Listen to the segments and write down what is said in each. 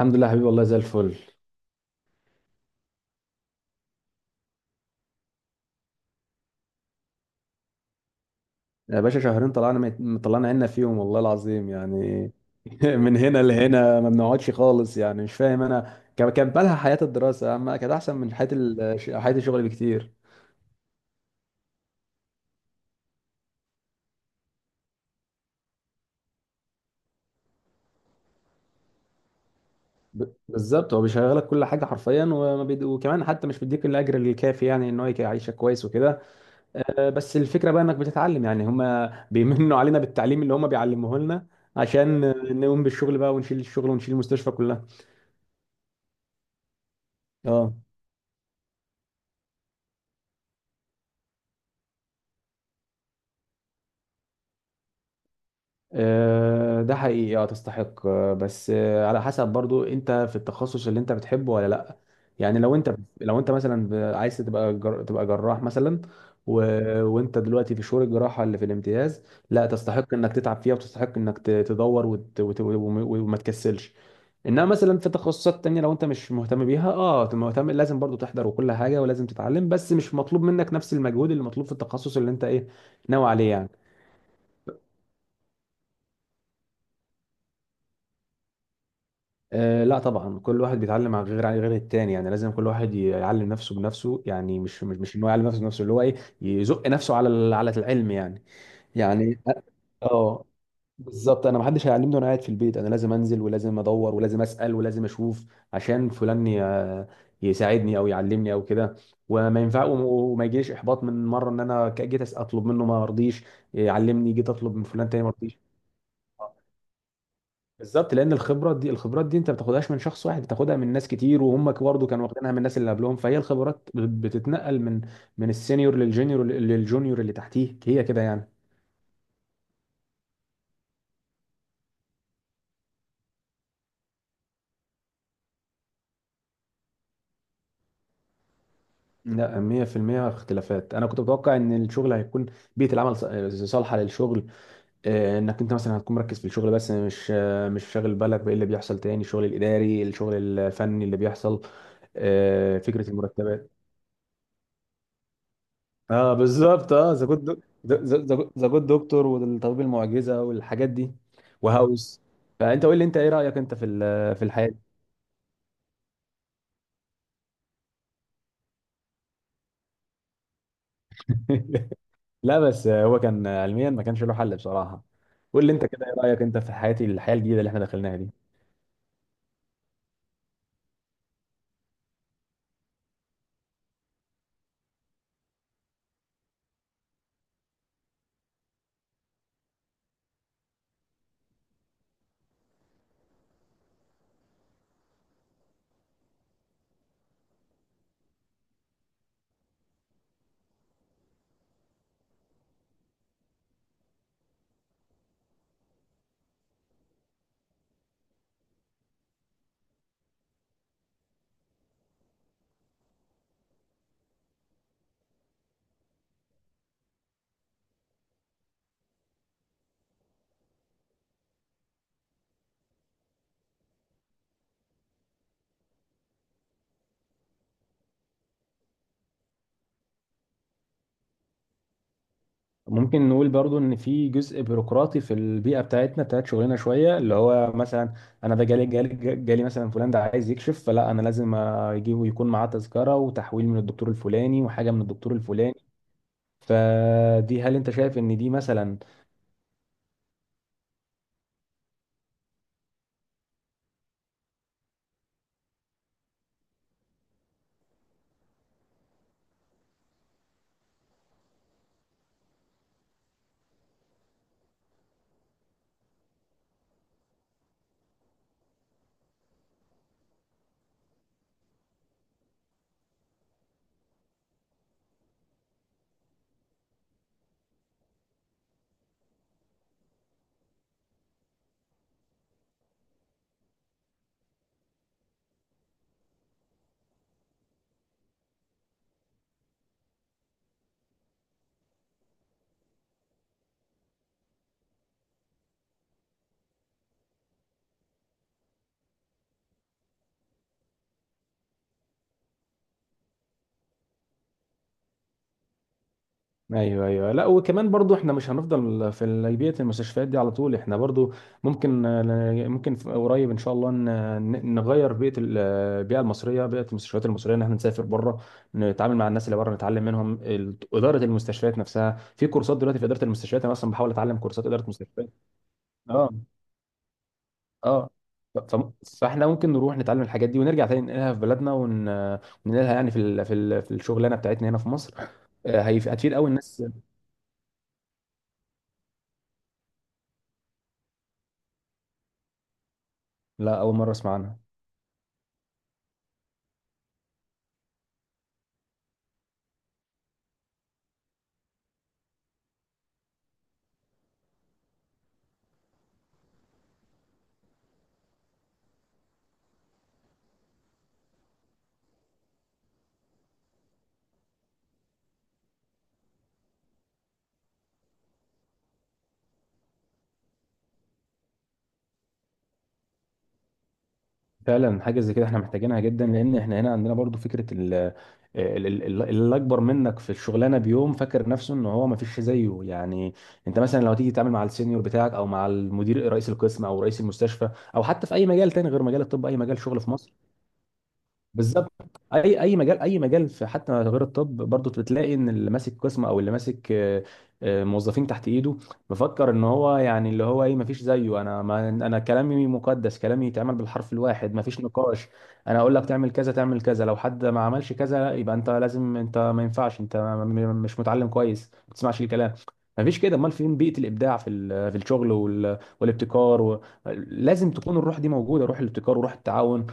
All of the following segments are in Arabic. الحمد لله حبيبي، والله زي الفل. يا باشا، شهرين طلعنا، طلعنا عنا فيهم والله العظيم يعني. من هنا لهنا ما بنقعدش خالص يعني، مش فاهم. انا كان بالها حياة الدراسة اما كانت احسن من حياة حياة الشغل بكتير. بالظبط، هو بيشغلك كل حاجة حرفيا، وكمان حتى مش بيديك الاجر الكافي يعني ان هو يعيشك كويس وكده. بس الفكرة بقى انك بتتعلم، يعني هما بيمنوا علينا بالتعليم اللي هما بيعلموه لنا عشان نقوم بالشغل بقى ونشيل الشغل ونشيل المستشفى كلها. اه، ده حقيقي، تستحق، آه، بس آه، على حسب برضو انت في التخصص اللي انت بتحبه ولا لا. يعني لو انت، لو انت مثلا عايز تبقى تبقى جراح مثلا، و... وانت دلوقتي في شهور الجراحة اللي في الامتياز، لا، تستحق انك تتعب فيها، وتستحق انك تدور وما تكسلش. انما مثلا في تخصصات تانية لو انت مش مهتم بيها، تبقى مهتم، لازم برضو تحضر وكل حاجة ولازم تتعلم، بس مش مطلوب منك نفس المجهود اللي مطلوب في التخصص اللي انت ايه ناوي عليه يعني. أه، لا طبعا، كل واحد بيتعلم عن غير التاني. يعني لازم كل واحد يعلم نفسه بنفسه، يعني مش ان هو يعلم نفسه بنفسه اللي هو ايه، يزق نفسه على على العلم يعني. يعني، اه بالظبط. انا ما حدش هيعلمني وانا قاعد في البيت، انا لازم انزل ولازم ادور ولازم اسال ولازم اشوف عشان فلان يساعدني او يعلمني او كده. وما ينفع وما يجيش احباط من مره ان انا جيت اطلب منه ما رضيش يعلمني، جيت اطلب من فلان تاني ما رضيش. بالظبط، لان الخبره دي الخبرات دي انت ما بتاخدهاش من شخص واحد، بتاخدها من ناس كتير، وهم برضه كانوا واخدينها من الناس اللي قبلهم، فهي الخبرات بتتنقل من السينيور للجونيور، للجونيور اللي تحتيه، هي كده يعني. لا، 100% اختلافات. انا كنت متوقع ان الشغل هيكون، بيئه العمل صالحه للشغل، انك انت مثلا هتكون مركز في الشغل بس مش، مش شاغل بالك بايه اللي بيحصل تاني، الشغل الاداري، الشغل الفني اللي بيحصل، فكره المرتبات. اه بالظبط، ذا جود دكتور، والطبيب المعجزه والحاجات دي، وهاوس. فانت قول لي، انت ايه رايك انت في في الحياه دي؟ لا بس هو كان علميا ما كانش له حل بصراحه. قول لي انت كده، ايه رايك انت في حياه، الحياه الجديده اللي احنا دخلناها دي؟ ممكن نقول برضو ان في جزء بيروقراطي في البيئه بتاعتنا، بتاعت شغلنا شويه، اللي هو مثلا، انا ده جالي مثلا فلان ده عايز يكشف، فلا انا لازم اجيبه يكون معاه تذكره وتحويل من الدكتور الفلاني وحاجه من الدكتور الفلاني، فدي هل انت شايف ان دي مثلا؟ ايوه، ايوه. لا، وكمان برضو احنا مش هنفضل في بيئه المستشفيات دي على طول، احنا برضو ممكن، قريب ان شاء الله نغير بيئه البيئه المصريه، بيئه المستشفيات المصريه، ان احنا نسافر بره، نتعامل مع الناس اللي بره، نتعلم منهم اداره المستشفيات نفسها. في كورسات دلوقتي في اداره المستشفيات، انا اصلا بحاول اتعلم كورسات اداره مستشفيات. اه. اه. ف- ف- فاحنا ممكن نروح نتعلم الحاجات دي ونرجع تاني ننقلها في بلدنا وننقلها يعني في في الشغلانه بتاعتنا هنا في مصر، هتفيد قوي الناس. لا، اول مره اسمع عنها. فعلا حاجه زي كده احنا محتاجينها جدا، لان احنا هنا عندنا برضو فكره اللي اكبر منك في الشغلانه بيوم فاكر نفسه ان هو ما فيش زيه يعني. انت مثلا لو تيجي تتعامل مع السينيور بتاعك، او مع المدير رئيس القسم، او رئيس المستشفى، او حتى في اي مجال تاني غير مجال الطب، اي مجال شغل في مصر، بالظبط، اي مجال، اي مجال، في حتى غير الطب برضه، بتلاقي ان اللي ماسك قسم او اللي ماسك موظفين تحت ايده، بفكر ان هو يعني اللي هو ايه، ما فيش زيه، انا، ما انا كلامي مقدس، كلامي يتعمل بالحرف الواحد، ما فيش نقاش. انا اقول لك تعمل كذا تعمل كذا، لو حد ما عملش كذا، لا، يبقى انت لازم، انت ما ينفعش، مش متعلم كويس، ما بتسمعش الكلام. ما فيش كده، امال فين بيئة الابداع في في الشغل والابتكار لازم تكون الروح دي موجودة، روح الابتكار وروح التعاون.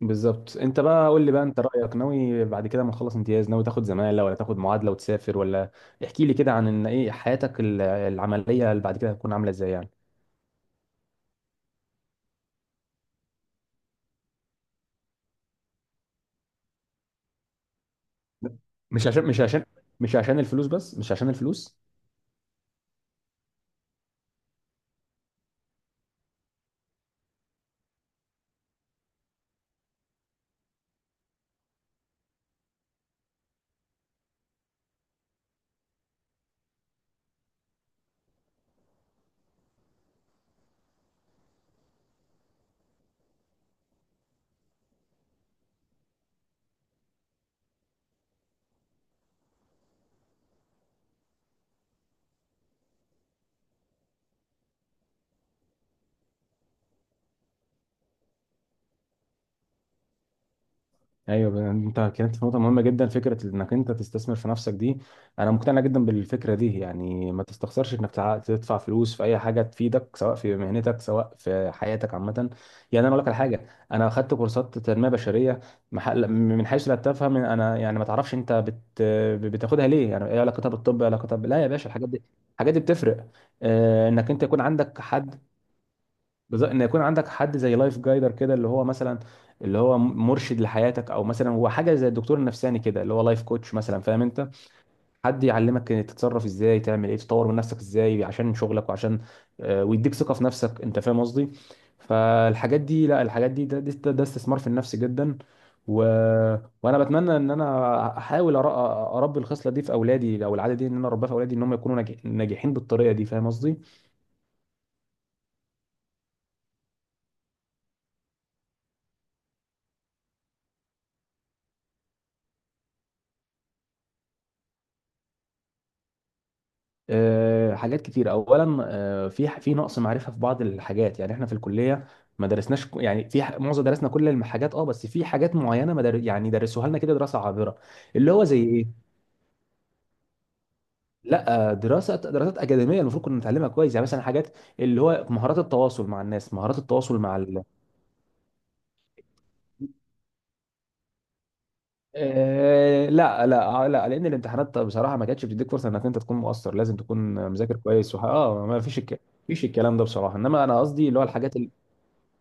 بالظبط. انت بقى قول لي بقى، انت رايك، ناوي بعد كده ما تخلص امتياز، ناوي تاخد زماله، ولا تاخد معادله وتسافر، ولا احكي لي كده عن، ان ايه، حياتك العمليه اللي بعد كده هتكون عامله ازاي يعني؟ مش عشان مش عشان مش عشان الفلوس، بس مش عشان الفلوس. ايوه. انت كانت في نقطه مهمه جدا، فكره انك انت تستثمر في نفسك دي. انا مقتنع جدا بالفكره دي، يعني ما تستخسرش انك تدفع فلوس في اي حاجه تفيدك، سواء في مهنتك، سواء في حياتك عامه. يعني انا اقول لك على حاجه، انا اخدت كورسات تنميه بشريه، محل من حيث لا تفهم انا، يعني ما تعرفش انت بتاخدها ليه، يعني ايه علاقتها بالطب، إيه علاقتها لا يا باشا، الحاجات دي، الحاجات دي بتفرق، انك انت يكون عندك حد. بالظبط، ان يكون عندك حد زي لايف جايدر كده، اللي هو مثلا، اللي هو مرشد لحياتك، او مثلا هو حاجه زي الدكتور النفساني كده اللي هو لايف كوتش مثلا، فاهم انت، حد يعلمك تتصرف ازاي، تعمل ايه، تطور من نفسك ازاي عشان شغلك، وعشان ويديك ثقه في نفسك، انت فاهم قصدي. فالحاجات دي، لا، الحاجات دي ده استثمار في النفس جدا. و... وانا بتمنى ان انا احاول اربي الخصله دي في اولادي، او العاده دي، ان انا اربيها في اولادي، ان هم يكونوا ناجحين بالطريقه دي، فاهم قصدي. حاجات كتير. اولا في نقص معرفه في بعض الحاجات. يعني احنا في الكليه ما درسناش يعني معظم درسنا كل الحاجات، اه، بس في حاجات معينه ما در... يعني درسوها لنا كده دراسه عابره. اللي هو زي ايه؟ لا، دراسات اكاديميه المفروض كنا نتعلمها كويس، يعني مثلا حاجات اللي هو مهارات التواصل مع الناس، مهارات التواصل مع لا، لا، لا، لان الامتحانات بصراحه ما كانتش بتديك فرصه انك انت تكون مؤثر، لازم تكون مذاكر كويس وح... اه ما فيش فيش الكلام ده بصراحه، انما انا قصدي اللي هو الحاجات،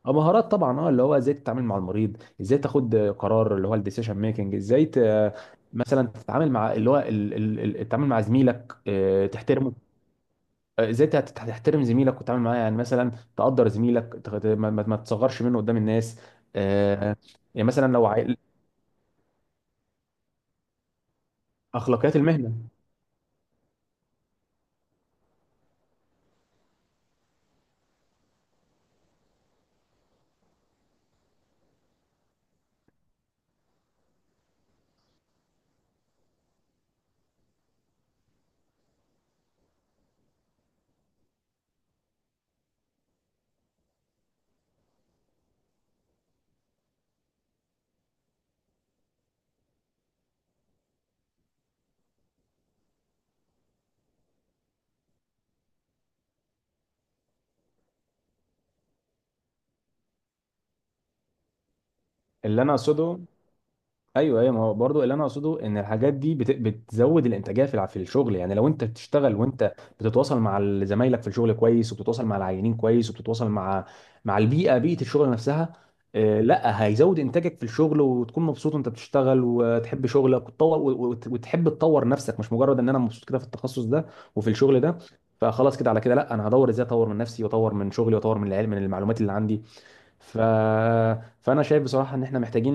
اه مهارات طبعا، اللي هو ازاي تتعامل مع المريض، ازاي تاخد قرار اللي هو الديسيشن ميكنج، ازاي ت... آه، مثلا تتعامل مع اللي هو التعامل مع زميلك تحترمه، ازاي تحترم زميلك وتتعامل معاه، يعني مثلا تقدر زميلك، ما تصغرش منه قدام الناس، آه، يعني مثلا اخلاقيات المهنه، اللي انا اقصده. ايوه، ايوه، ما هو برضه اللي انا اقصده ان الحاجات دي بتزود الانتاجيه في في الشغل. يعني لو انت بتشتغل وانت بتتواصل مع زمايلك في الشغل كويس، وبتتواصل مع العينين كويس، وبتتواصل مع البيئه، بيئه الشغل نفسها، لا، هيزود انتاجك في الشغل، وتكون مبسوط وانت بتشتغل وتحب شغلك وتطور وتحب تطور نفسك، مش مجرد ان انا مبسوط كده في التخصص ده وفي الشغل ده. فخلاص، كده على كده، لا، انا هدور ازاي اطور من نفسي، واطور من شغلي، واطور من العلم، من المعلومات اللي عندي. ف... فانا شايف بصراحه ان احنا محتاجين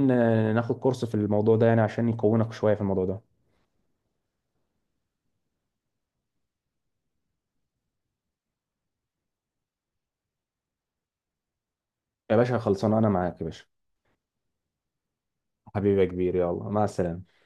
ناخد كورس في الموضوع ده يعني عشان يقوينا شويه في الموضوع ده. يا باشا خلصان، انا معاك يا باشا. حبيبي يا كبير، يلا مع السلامه.